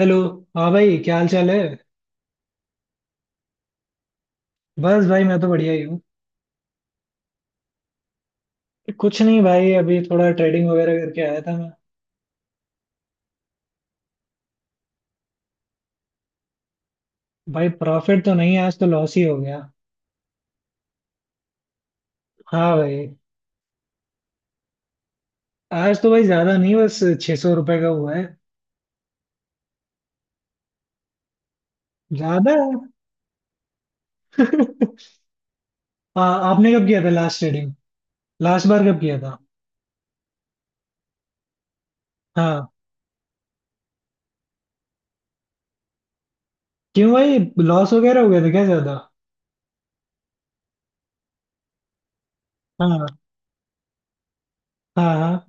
Hello. हाँ भाई, क्या हाल चाल है? बस भाई, मैं तो बढ़िया ही हूँ। कुछ नहीं भाई, अभी थोड़ा ट्रेडिंग वगैरह करके आया था मैं। भाई प्रॉफिट तो नहीं, आज तो लॉस ही हो गया। हाँ भाई। आज तो भाई ज्यादा नहीं, बस 600 रुपए का हुआ है। ज्यादा है। आ, आपने कब किया था लास्ट ट्रेडिंग? लास्ट बार कब किया था? हाँ। क्यों भाई? लॉस वगैरह हो गया था क्या ज्यादा? हाँ। हाँ।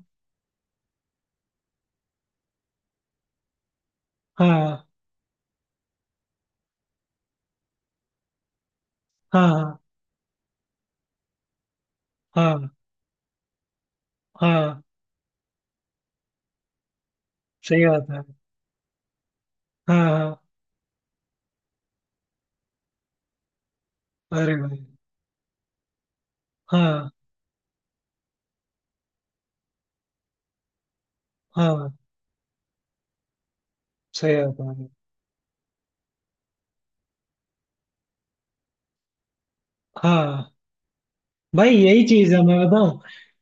हाँ। हाँ। हाँ। हाँ। हाँ। सही बात है। हाँ हाँ। अरे भाई। हाँ हाँ। सही बात है। हाँ भाई, यही चीज है मैं बताऊं।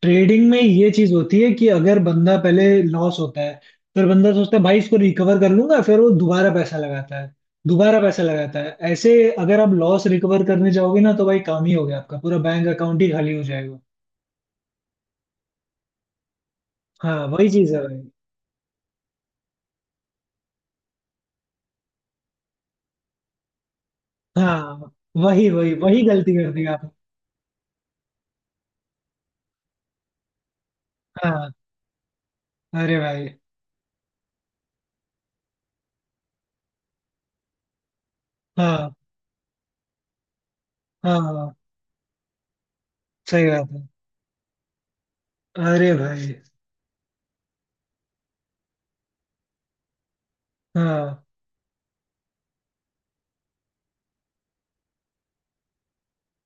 ट्रेडिंग में ये चीज होती है कि अगर बंदा पहले लॉस होता है, फिर बंदा सोचता है भाई इसको रिकवर कर लूंगा, फिर वो दोबारा पैसा लगाता है, दोबारा पैसा लगाता है ऐसे। अगर आप लॉस रिकवर करने जाओगे ना तो भाई काम ही हो गया, आपका पूरा बैंक अकाउंट ही खाली हो जाएगा। हाँ वही चीज है भाई। हाँ वही वही वही गलती कर दी आप। हाँ अरे भाई। हाँ हाँ। हाँ, सही बात है। अरे भाई। हाँ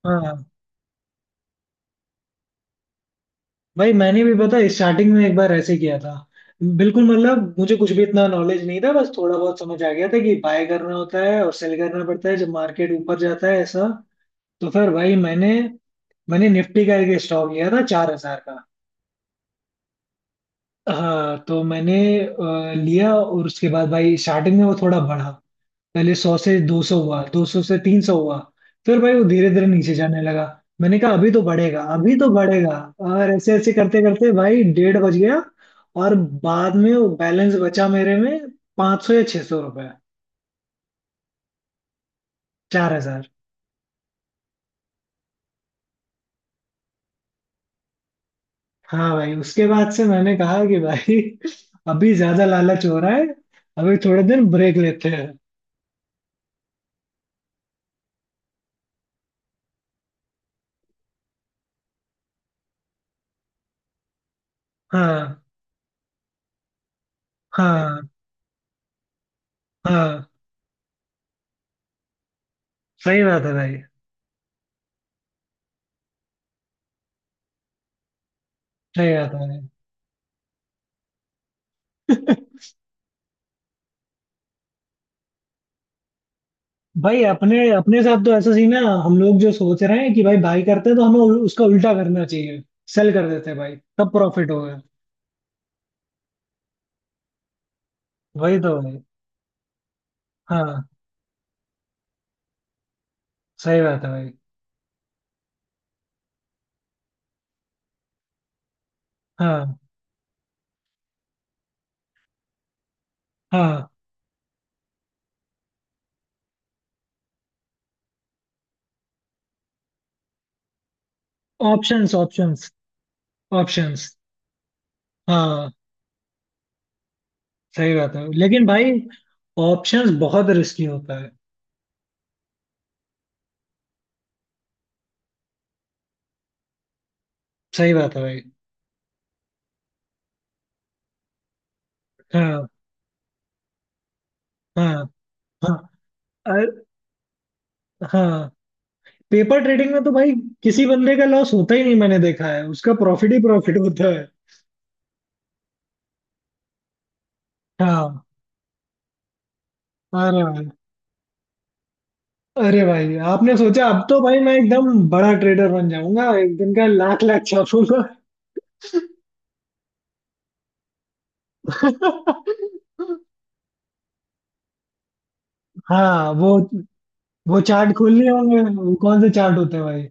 हाँ भाई मैंने भी पता स्टार्टिंग में एक बार ऐसे किया था। बिल्कुल मतलब मुझे कुछ भी इतना नॉलेज नहीं था, बस थोड़ा बहुत समझ आ गया था कि बाय करना होता है और सेल करना पड़ता है जब मार्केट ऊपर जाता है ऐसा। तो फिर भाई मैंने मैंने निफ्टी का एक स्टॉक लिया था 4,000 का। हाँ तो मैंने लिया, और उसके बाद भाई स्टार्टिंग में वो थोड़ा बढ़ा। पहले 100 से 200 हुआ, 200 से 300 हुआ। फिर भाई वो धीरे धीरे नीचे जाने लगा। मैंने कहा अभी तो बढ़ेगा, अभी तो बढ़ेगा। और ऐसे ऐसे करते करते भाई 1:30 बज गया। और बाद में वो बैलेंस बचा मेरे में 500 या 600 रुपए। 4,000। हाँ भाई उसके बाद से मैंने कहा कि भाई अभी ज्यादा लालच हो रहा है। अभी थोड़े दिन ब्रेक लेते हैं। हाँ हाँ। हाँ सही बात है भाई। सही बात है भाई। भाई अपने अपने साथ तो ऐसा सीन है, हम लोग जो सोच रहे हैं कि भाई बाई करते हैं तो हमें उसका उल्टा करना चाहिए। सेल कर देते हैं भाई तब प्रॉफिट होगा। वही तो भाई। हाँ सही बात है भाई। हाँ हाँ। Options options. ऑप्शंस। हाँ सही बात है लेकिन भाई ऑप्शंस बहुत रिस्की होता है। सही बात है भाई। हाँ। हाँ। हाँ। अर- हाँ। पेपर ट्रेडिंग में तो भाई किसी बंदे का लॉस होता ही नहीं, मैंने देखा है उसका प्रॉफिट ही प्रॉफिट होता है। हाँ अरे भाई। अरे भाई आपने सोचा अब तो भाई मैं एकदम बड़ा ट्रेडर बन जाऊंगा, एक दिन का लाख लाख छापूंगा। हाँ वो चार्ट खोल लिए होंगे, वो कौन से चार्ट होते हैं भाई?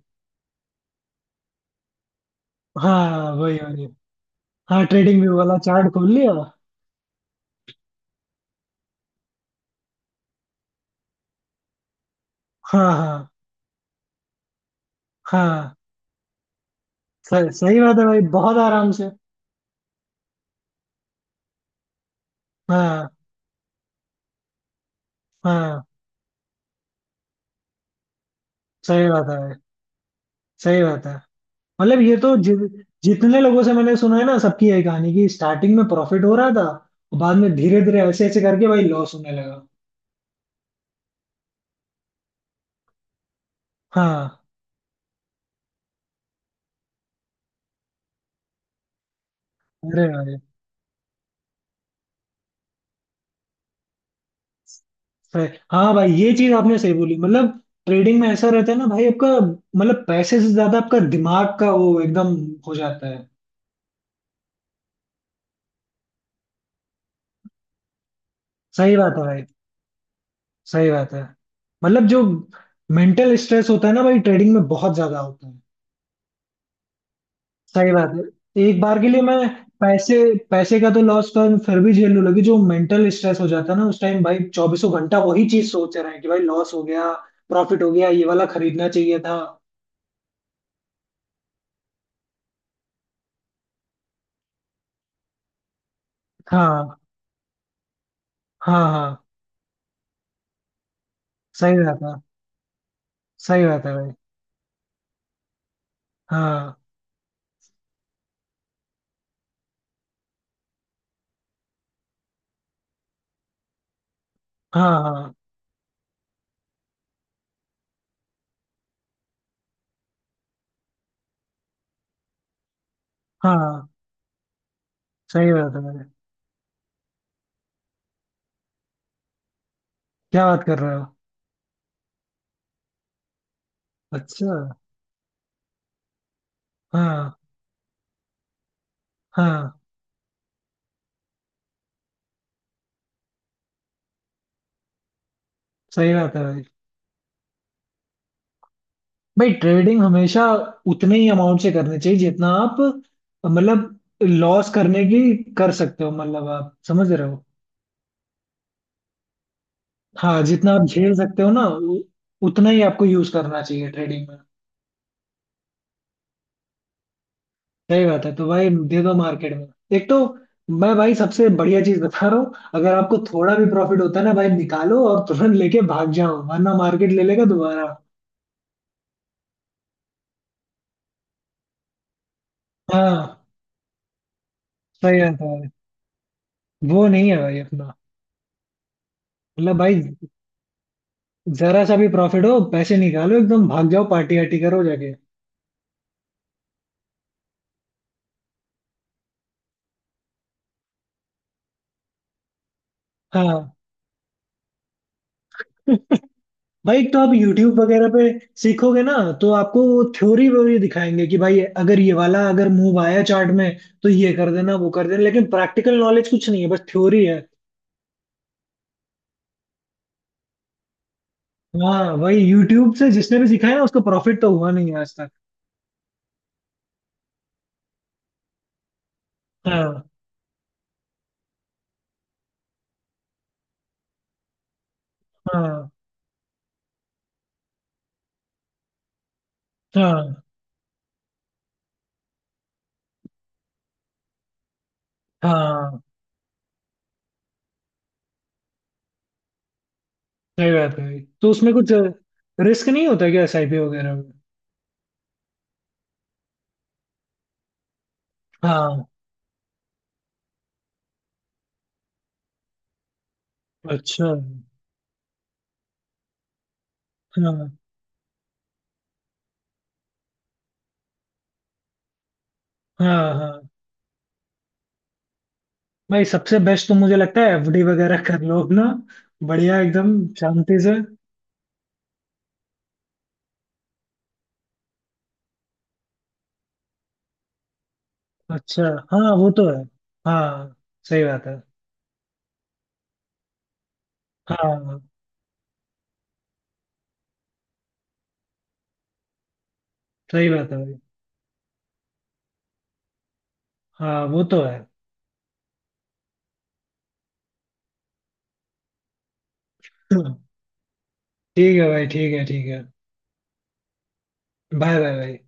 हाँ वही वही। हाँ ट्रेडिंग व्यू वाला चार्ट खोल लिया। हाँ हाँ। हाँ सही सही बात है भाई, बहुत आराम से। हाँ हाँ। सही बात है भाई। सही बात है। मतलब ये तो जितने लोगों से मैंने सुना है ना सबकी यही कहानी कि स्टार्टिंग में प्रॉफिट हो रहा था। और बाद में धीरे धीरे ऐसे ऐसे करके भाई लॉस होने लगा। हाँ। अरे भाई। हाँ भाई ये चीज आपने सही बोली मतलब। ट्रेडिंग में ऐसा रहता है ना भाई आपका। मतलब पैसे से ज्यादा आपका दिमाग का वो एकदम हो जाता है। सही बात है भाई। सही बात है। मतलब जो मेंटल स्ट्रेस होता है ना भाई ट्रेडिंग में बहुत ज्यादा होता है। सही बात है। एक बार के लिए मैं पैसे पैसे का तो लॉस कर फिर भी झेल लूं, लेकिन जो मेंटल स्ट्रेस हो जाता है ना उस टाइम भाई चौबीसों घंटा वही चीज सोच रहे हैं कि भाई लॉस हो गया, प्रॉफिट हो गया, ये वाला खरीदना चाहिए था। हाँ हाँ हाँ सही बात है। सही बात है भाई। हाँ हाँ हाँ हाँ सही बात है भाई। क्या बात कर रहे हो? अच्छा। हाँ हाँ। सही बात है भाई। भाई ट्रेडिंग हमेशा उतने ही अमाउंट से करनी चाहिए जितना आप, मतलब लॉस करने की कर सकते हो, मतलब आप समझ रहे हो। हाँ जितना आप झेल सकते हो ना उतना ही आपको यूज करना चाहिए ट्रेडिंग में। सही बात है तो भाई दे दो मार्केट में। एक तो मैं भाई सबसे बढ़िया चीज बता रहा हूँ, अगर आपको थोड़ा भी प्रॉफिट होता है ना भाई निकालो और तुरंत लेके भाग जाओ, वरना मार्केट ले लेगा दोबारा। हाँ। सही बात है भाई। वो नहीं है भाई अपना। मतलब भाई जरा सा भी प्रॉफिट हो पैसे निकालो, एकदम भाग जाओ, पार्टी वार्टी करो जाके। हाँ भाई एक तो आप YouTube वगैरह पे सीखोगे ना तो आपको वो थ्योरी वोरी दिखाएंगे कि भाई अगर ये वाला अगर मूव आया चार्ट में तो ये कर देना वो कर देना, लेकिन प्रैक्टिकल नॉलेज कुछ नहीं है, बस थ्योरी है। हाँ वही यूट्यूब से जिसने भी सीखा है ना उसको प्रॉफिट तो हुआ नहीं है आज तक। हाँ हाँ हाँ हाँ सही बात है भाई। तो उसमें कुछ रिस्क नहीं होता क्या एसआईपी वगैरह में? हाँ। अच्छा। हाँ हाँ। हाँ। भाई सबसे बेस्ट तो मुझे लगता है एफडी वगैरह कर लो अपना, बढ़िया एकदम, शांति से। अच्छा। हाँ वो तो है। हाँ। सही बात है। हाँ। सही बात है भाई। हाँ वो तो है। ठीक है भाई, ठीक है ठीक है। बाय बाय भाई।